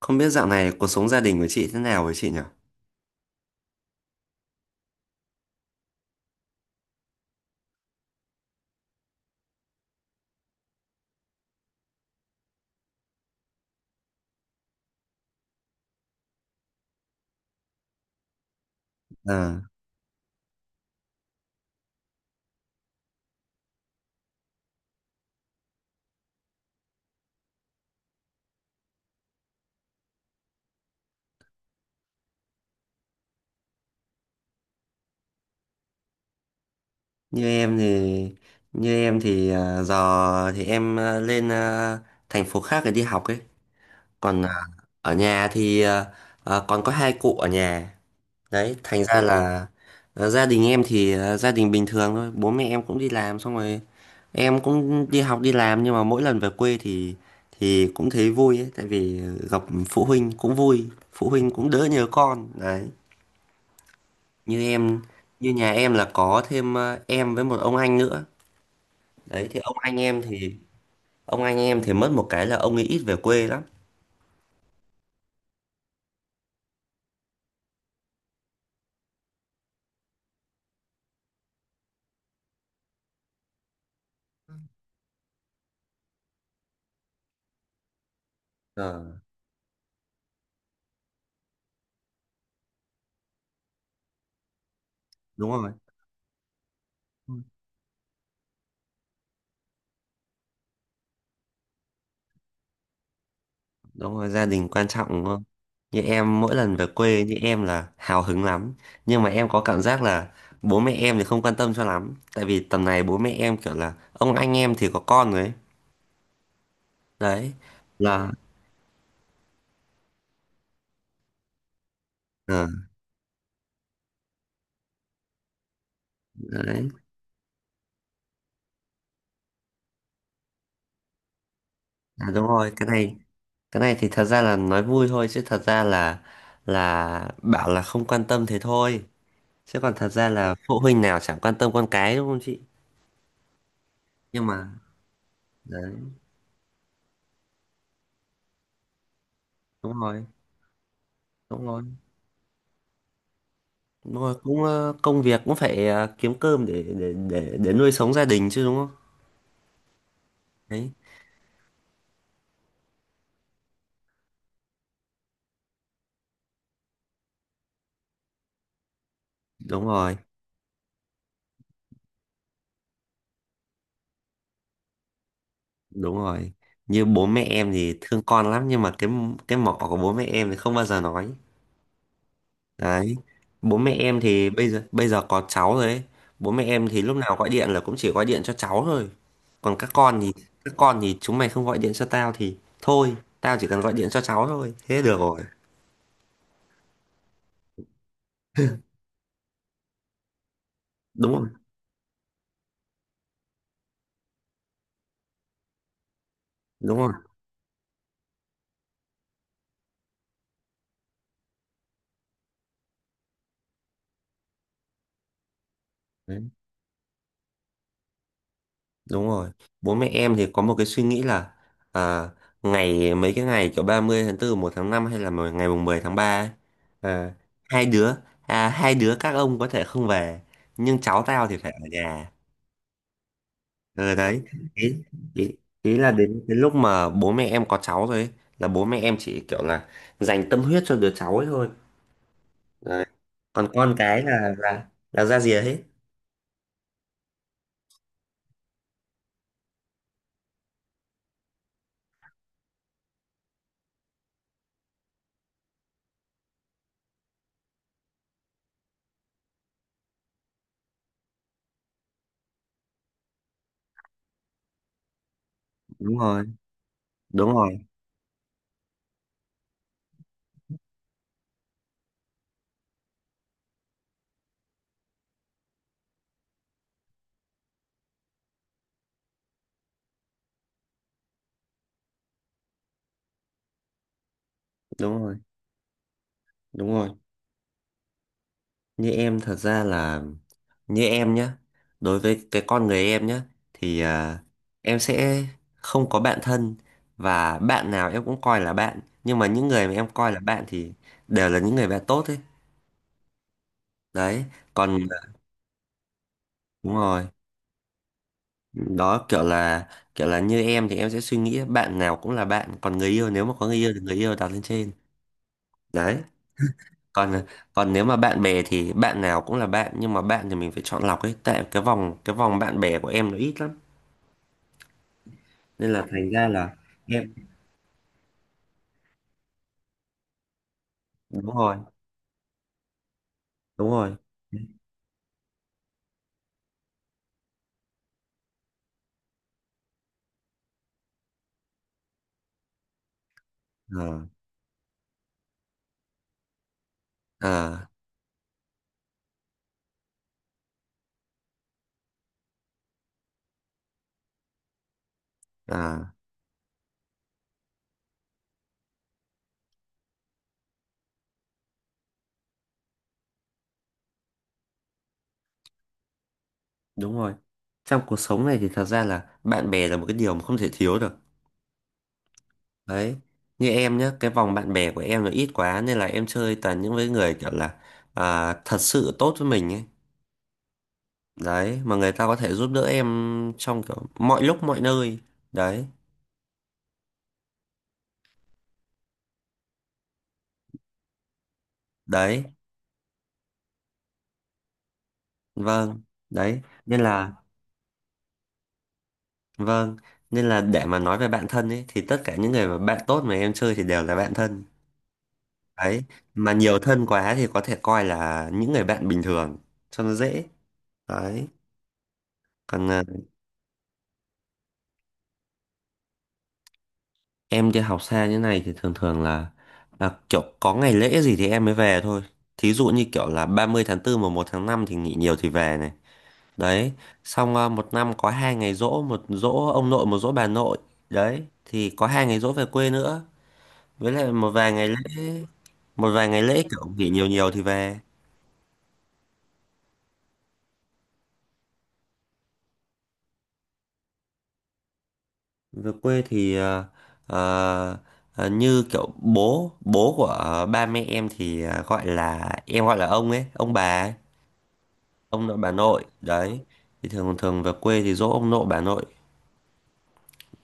Không biết dạo này cuộc sống gia đình của chị thế nào với chị nhỉ? Ờ, như em thì như em thì giờ thì em lên thành phố khác để đi học ấy. Còn ở nhà thì còn có hai cụ ở nhà. Đấy, thành ra là gia đình em thì gia đình bình thường thôi. Bố mẹ em cũng đi làm xong rồi em cũng đi học đi làm, nhưng mà mỗi lần về quê thì cũng thấy vui ấy, tại vì gặp phụ huynh cũng vui, phụ huynh cũng đỡ nhớ con. Đấy. như em Như nhà em là có thêm em với một ông anh nữa. Đấy, thì ông anh em thì mất một cái là ông ấy ít về quê lắm. Ờ, đúng rồi. Ừ, đúng rồi, gia đình quan trọng đúng không? Như em, mỗi lần về quê như em là hào hứng lắm, nhưng mà em có cảm giác là bố mẹ em thì không quan tâm cho lắm, tại vì tầm này bố mẹ em kiểu là ông anh em thì có con rồi ấy. đấy là ờ, đấy là đúng rồi. Cái này thì thật ra là nói vui thôi, chứ thật ra là bảo là không quan tâm thế thôi, chứ còn thật ra là phụ huynh nào chẳng quan tâm con cái, đúng không chị? Nhưng mà đấy, đúng rồi, đúng rồi, đúng rồi, cũng công việc cũng phải kiếm cơm để nuôi sống gia đình chứ, đúng không? Đấy, đúng rồi, đúng rồi. Như bố mẹ em thì thương con lắm, nhưng mà cái mỏ của bố mẹ em thì không bao giờ nói. Đấy. Bố mẹ em thì bây giờ có cháu rồi ấy. Bố mẹ em thì lúc nào gọi điện là cũng chỉ gọi điện cho cháu thôi. Còn các con thì chúng mày không gọi điện cho tao thì thôi, tao chỉ cần gọi điện cho cháu thôi. Thế được rồi. Đúng rồi. Đúng rồi. Đấy. Đúng rồi. Bố mẹ em thì có một cái suy nghĩ là à, ngày mấy cái ngày kiểu 30 tháng tư một tháng năm, hay là ngày mùng 10 tháng 3 ấy, à, hai đứa hai đứa các ông có thể không về, nhưng cháu tao thì phải ở nhà. Ờ đấy, ý, ý, ý là đến đến lúc mà bố mẹ em có cháu rồi ấy, là bố mẹ em chỉ kiểu là dành tâm huyết cho đứa cháu ấy thôi. Đấy. Còn con cái là ra rìa hết. Đúng rồi, đúng rồi, đúng rồi, đúng rồi. Như em thật ra là, như em nhá, đối với cái con người em nhá, thì em sẽ không có bạn thân. Và bạn nào em cũng coi là bạn, nhưng mà những người mà em coi là bạn thì đều là những người bạn tốt ấy. Đấy, còn đúng rồi. Đó kiểu là như em thì em sẽ suy nghĩ bạn nào cũng là bạn, còn người yêu, nếu mà có người yêu thì người yêu đặt lên trên. Đấy, còn còn nếu mà bạn bè thì bạn nào cũng là bạn, nhưng mà bạn thì mình phải chọn lọc ấy, tại cái vòng bạn bè của em nó ít lắm, nên là thành ra là em đúng rồi, đúng rồi, ờ ờ ờ, đúng rồi. Trong cuộc sống này thì thật ra là bạn bè là một cái điều mà không thể thiếu được. Đấy, như em nhá, cái vòng bạn bè của em nó ít quá nên là em chơi toàn những với người kiểu là thật sự tốt với mình ấy. Đấy, mà người ta có thể giúp đỡ em trong kiểu mọi lúc mọi nơi. Đấy, đấy, vâng, đấy. Nên là, vâng, nên là để mà nói về bạn thân ấy thì tất cả những người mà bạn tốt mà em chơi thì đều là bạn thân. Đấy, mà nhiều thân quá thì có thể coi là những người bạn bình thường cho nó dễ. Đấy, còn Em đi học xa như này thì thường thường là kiểu có ngày lễ gì thì em mới về thôi. Thí dụ như kiểu là 30 tháng 4 và 1 tháng 5 thì nghỉ nhiều thì về này. Đấy, xong một năm có hai ngày giỗ, một giỗ ông nội, một giỗ bà nội. Đấy, thì có hai ngày giỗ về quê nữa. Với lại một vài ngày lễ, kiểu nghỉ nhiều nhiều thì về. Về quê thì ờ, như kiểu bố của ba mẹ em thì em gọi là ông ấy, ông bà ấy. Ông nội bà nội đấy, thì thường thường về quê thì dỗ ông nội bà nội.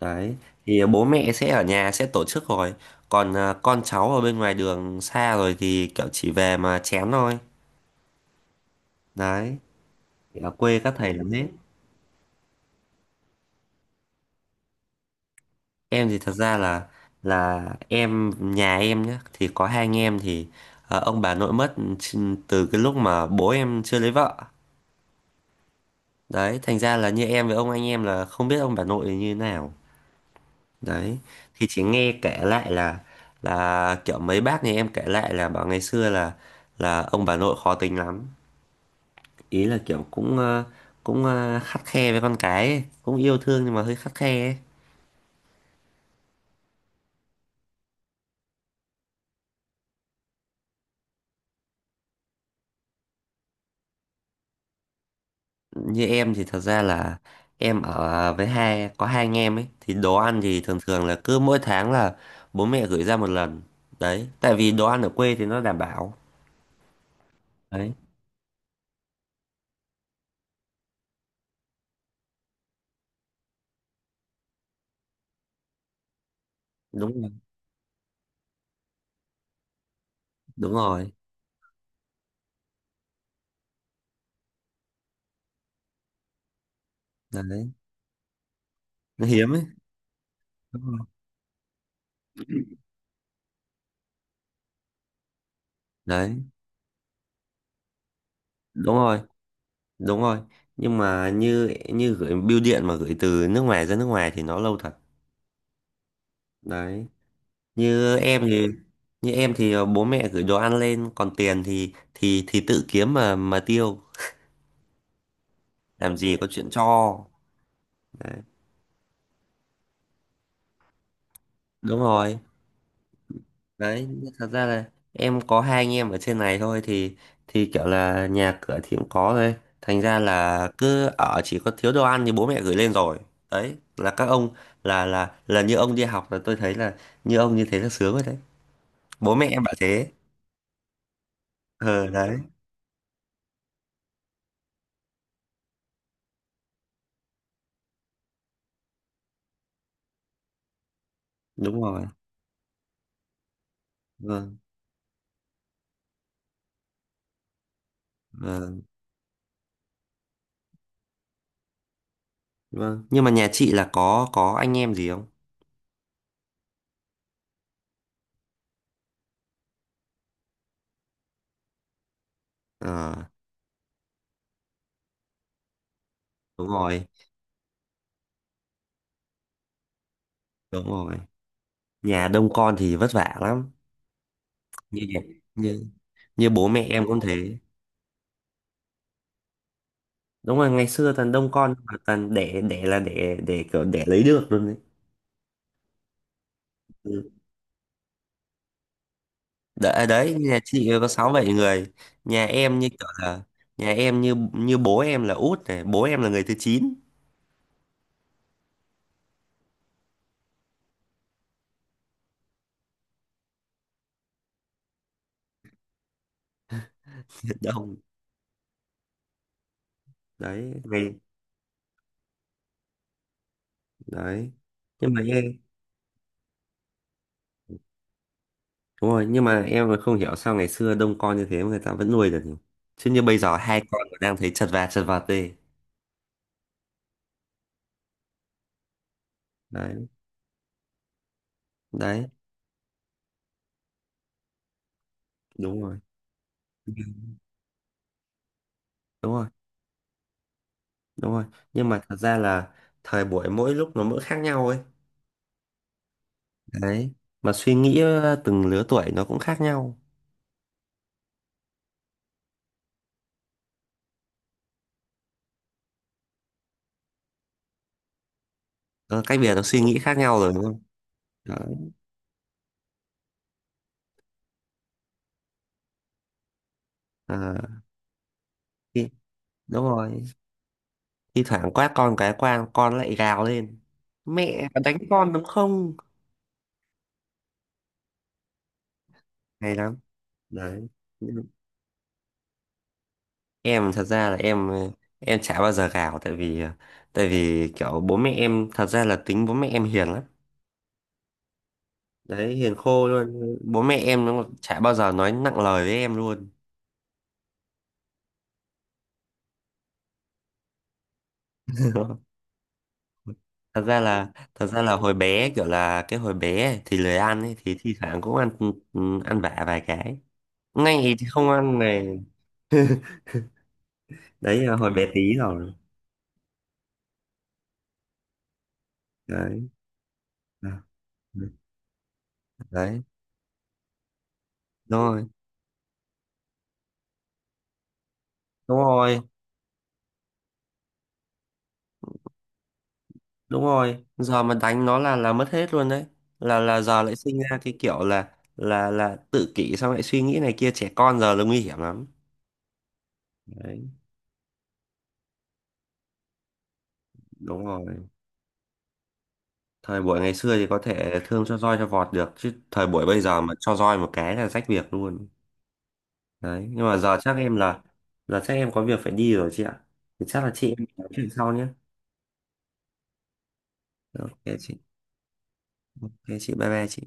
Đấy, thì bố mẹ sẽ ở nhà sẽ tổ chức rồi, còn con cháu ở bên ngoài đường xa rồi thì kiểu chỉ về mà chén thôi. Đấy, thì ở quê các thầy làm hết. Em thì thật ra là nhà em nhá, thì có hai anh em thì ông bà nội mất từ cái lúc mà bố em chưa lấy vợ. Đấy, thành ra là như em với ông anh em là không biết ông bà nội như thế nào. Đấy, thì chị nghe kể lại là kiểu mấy bác nhà em kể lại là bảo ngày xưa là ông bà nội khó tính lắm. Ý là kiểu cũng khắt khe với con cái ấy, cũng yêu thương nhưng mà hơi khắt khe ấy. Như em thì thật ra là em ở với hai có hai anh em ấy, thì đồ ăn thì thường thường là cứ mỗi tháng là bố mẹ gửi ra một lần. Đấy, tại vì đồ ăn ở quê thì nó đảm bảo. Đấy, đúng rồi, đúng rồi. Đấy, nó hiếm ấy. Đúng rồi. Đấy, đúng rồi. Đúng rồi, nhưng mà như như gửi bưu điện mà gửi từ nước ngoài ra nước ngoài thì nó lâu thật. Đấy, như em thì như em thì bố mẹ gửi đồ ăn lên, còn tiền thì tự kiếm mà tiêu, làm gì có chuyện cho. Đấy, đúng rồi. Đấy, nhưng thật ra là em có hai anh em ở trên này thôi, thì kiểu là nhà cửa thì cũng có thôi. Thành ra là cứ ở, chỉ có thiếu đồ ăn thì bố mẹ gửi lên rồi. Đấy, là các ông là như ông đi học là tôi thấy là như ông như thế là sướng rồi. Đấy, bố mẹ em bảo thế. Ờ đấy, đúng rồi, vâng, vâng, vâng, nhưng mà nhà chị là có anh em gì không? Ờ, đúng rồi, đúng rồi, nhà đông con thì vất vả lắm. như nhà- như như bố mẹ em cũng thế. Đúng rồi, ngày xưa toàn đông con mà toàn đẻ đẻ là đẻ đẻ kiểu đẻ lấy được luôn. Đấy. Ừ. Đấy, đấy, nhà chị có sáu bảy người, nhà em như kiểu là nhà em như như bố em là út này, bố em là người thứ chín. Đông. Đấy, ngày. Đấy, nhưng mà em Đúng rồi, nhưng mà em là không hiểu sao ngày xưa đông con như thế mà người ta vẫn nuôi được nhỉ? Chứ như bây giờ hai con còn đang thấy chật vật đi. Đấy, đấy, đúng rồi, đúng rồi, đúng rồi. Nhưng mà thật ra là thời buổi mỗi lúc nó mỗi khác nhau ấy. Đấy, mà suy nghĩ từng lứa tuổi nó cũng khác nhau. Ờ, cách biệt nó suy nghĩ khác nhau rồi đúng không? Đấy, à, khi- đúng rồi. Thi thoảng quát con cái quan con lại gào lên. Mẹ đánh con đúng không? Hay lắm. Đấy. Em thật ra là em chả bao giờ gào, tại vì kiểu bố mẹ em, thật ra là tính bố mẹ em hiền lắm. Đấy, hiền khô luôn, bố mẹ em nó chả bao giờ nói nặng lời với em luôn. Thật ra là hồi bé kiểu là cái hồi bé ấy thì lười ăn ấy, thì thi thoảng cũng ăn, ăn vạ vài cái ngay thì không ăn này. Đấy là hồi bé tí rồi. Đấy. À, đấy, đúng rồi, đúng rồi, đúng rồi, giờ mà đánh nó là mất hết luôn. Đấy, là giờ lại sinh ra cái kiểu là tự kỷ, xong lại suy nghĩ này kia, trẻ con giờ là nguy hiểm lắm. Đấy, đúng rồi. Thời buổi ngày xưa thì có thể thương cho roi cho vọt được, chứ thời buổi bây giờ mà cho roi một cái là rách việc luôn. Đấy, nhưng mà giờ chắc em có việc phải đi rồi chị ạ, thì chắc là chị em nói chuyện sau nhé. OK chị. OK chị, bye bye chị.